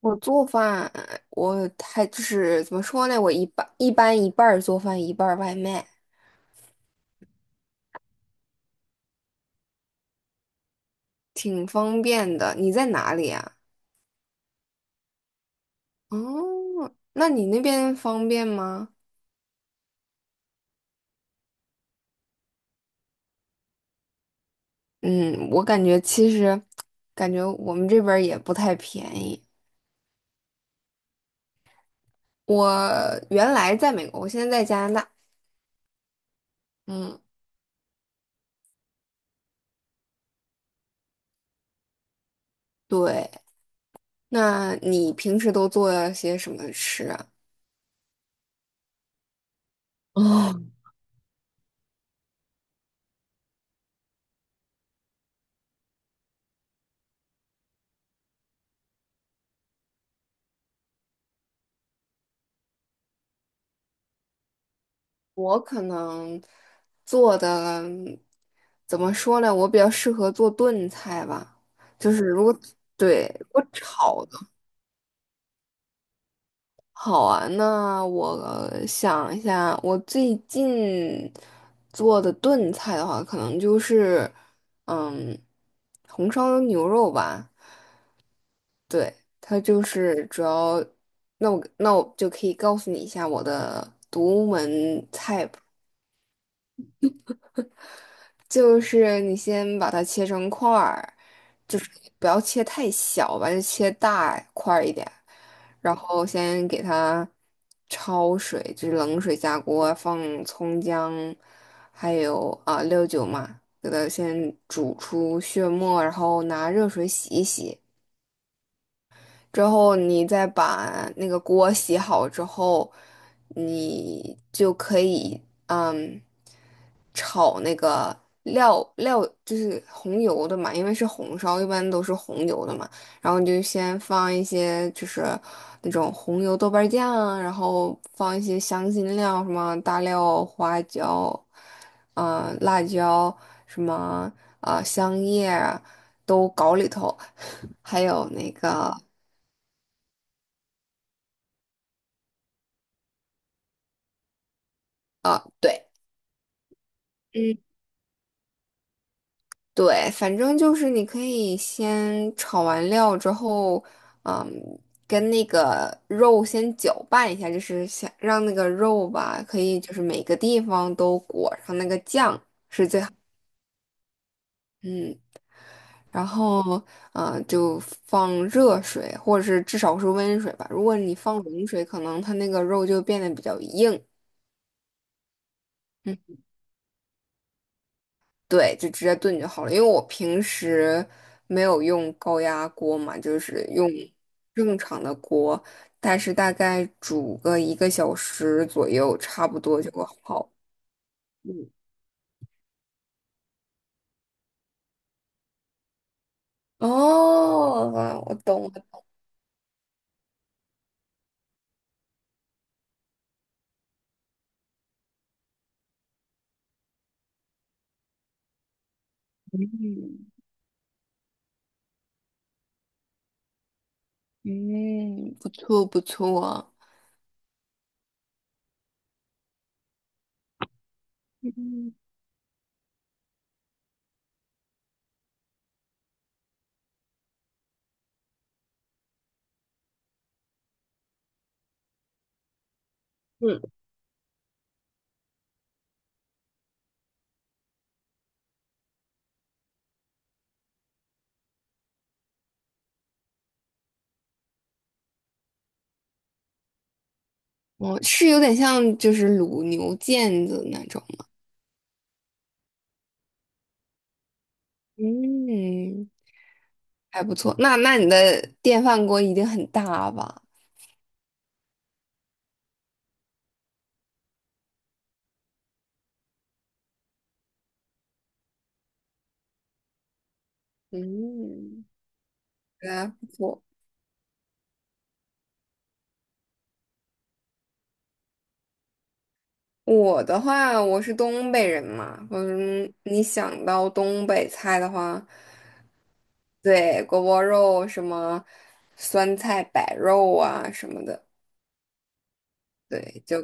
我做饭，我还就是怎么说呢？我一般一半儿做饭，一半儿外卖，挺方便的。你在哪里啊？哦，那你那边方便吗？嗯，我感觉我们这边儿也不太便宜。我原来在美国，我现在在加拿大。嗯，对。那你平时都做些什么吃啊？哦。我可能做的怎么说呢？我比较适合做炖菜吧，就是如果对如果炒的好啊，那我想一下，我最近做的炖菜的话，可能就是嗯红烧牛肉吧。对，它就是主要，那我那我就可以告诉你一下我的独门菜谱。就是你先把它切成块儿，就是不要切太小吧，就切大块儿一点。然后先给它焯水，就是冷水下锅，放葱姜，还有啊、料酒嘛，给它先煮出血沫，然后拿热水洗一洗。之后你再把那个锅洗好之后，你就可以嗯炒那个料，就是红油的嘛，因为是红烧，一般都是红油的嘛。然后你就先放一些就是那种红油豆瓣酱啊，然后放一些香辛料，什么大料、花椒，嗯、辣椒，什么啊、香叶啊都搞里头，还有那个。对。嗯，对，反正就是你可以先炒完料之后，嗯，跟那个肉先搅拌一下，就是想让那个肉吧，可以就是每个地方都裹上那个酱，嗯，然后就放热水，或者是至少是温水吧。如果你放冷水，可能它那个肉就变得比较硬。嗯。对，就直接炖就好了。因为我平时没有用高压锅嘛，就是用正常的锅，但是大概煮个1个小时左右，差不多就好。嗯，哦，我懂了。嗯，不错不错。嗯嗯，哦，是有点像就是卤牛腱子那种吗。嗯，还不错。那那你的电饭锅一定很大吧？嗯，对啊，不错。我的话，我是东北人嘛，嗯，你想到东北菜的话，对，锅包肉什么酸菜白肉啊什么的，对，就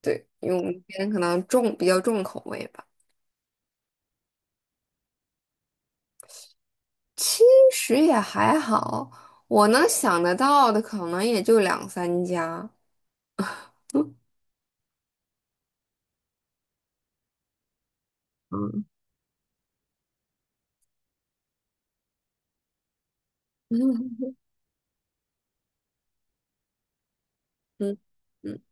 对，因为我们这边可能比较重口味吧。其实也还好，我能想得到的可能也就两三家。嗯嗯嗯 嗯，嗯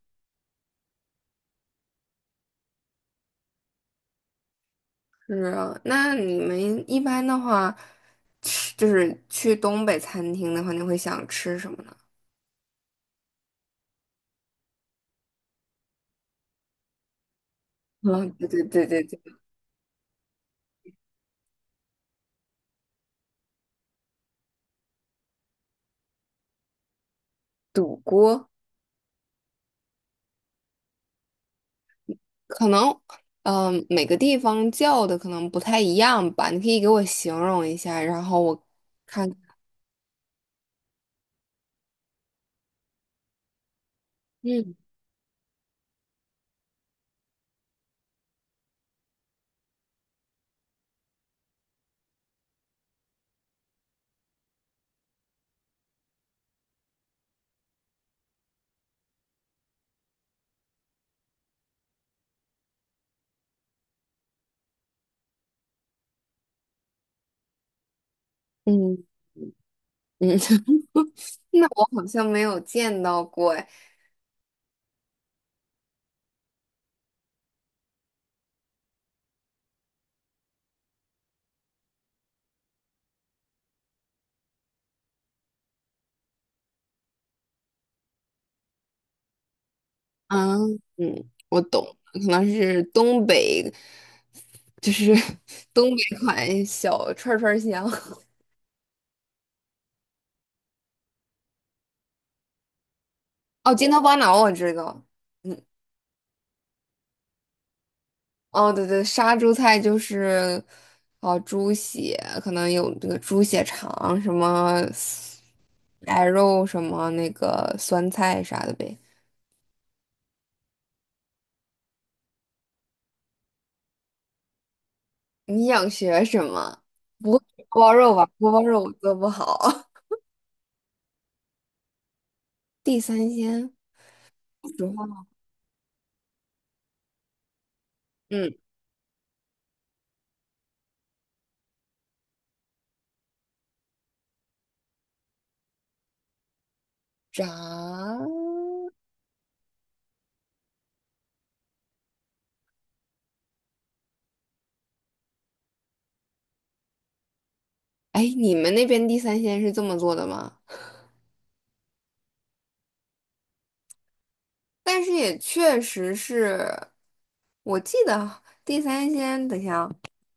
是啊。那你们一般的话，吃就是去东北餐厅的话，你会想吃什么呢？嗯，对对对对对，赌锅可能，嗯、每个地方叫的可能不太一样吧。你可以给我形容一下，然后我，嗯嗯嗯，那我好像没有见到过哎。嗯嗯，我懂了可能是东北，就是 东北款小串儿香。哦，筋头巴脑我知道。嗯。哦，对对，杀猪菜就是哦，猪血可能有这个猪血肠什么白肉什么那个酸菜啥的呗。你想学什么？不会是锅包肉吧？锅包肉我做不好。地三鲜，说实话，嗯，炸。哎，你们那边地三鲜是这么做的吗？但是也确实是我记得地三鲜，等一下啊，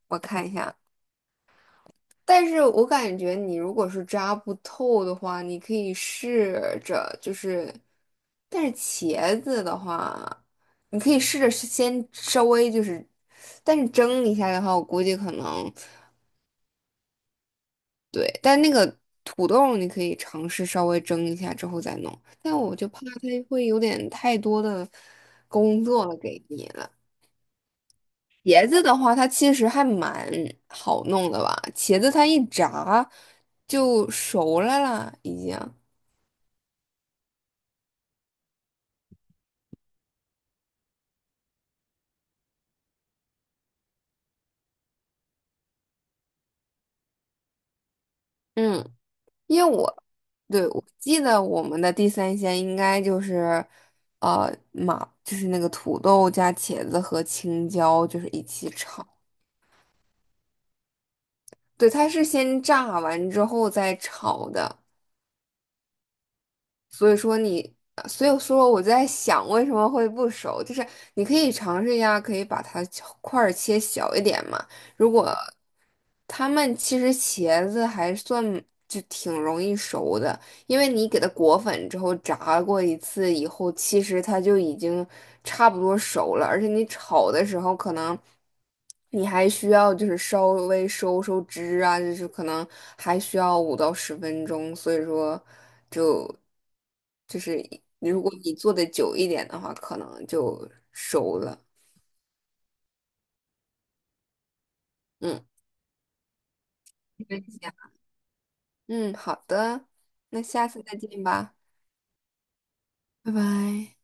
我看一下。但是我感觉你如果是扎不透的话，你可以试着就是，但是茄子的话，你可以试着是先稍微就是，但是蒸一下的话，我估计可能对，但那个土豆你可以尝试稍微蒸一下之后再弄，但我就怕它会有点太多的工作了给你了。茄子的话，它其实还蛮好弄的吧？茄子它一炸就熟了啦，已经。嗯，因为我对我记得我们的地三鲜应该就是，就是那个土豆加茄子和青椒，就是一起炒。对，它是先炸完之后再炒的。所以说你，所以说我在想为什么会不熟，就是你可以尝试一下，可以把它切块儿切小一点嘛。如果他们其实茄子还算就挺容易熟的，因为你给它裹粉之后炸过一次以后，其实它就已经差不多熟了，而且你炒的时候可能。你还需要就是稍微收收汁啊，就是可能还需要5到10分钟，所以说。就就是如果你做的久一点的话，可能就熟了。嗯，没关系啊嗯，好的，那下次再见吧，拜拜。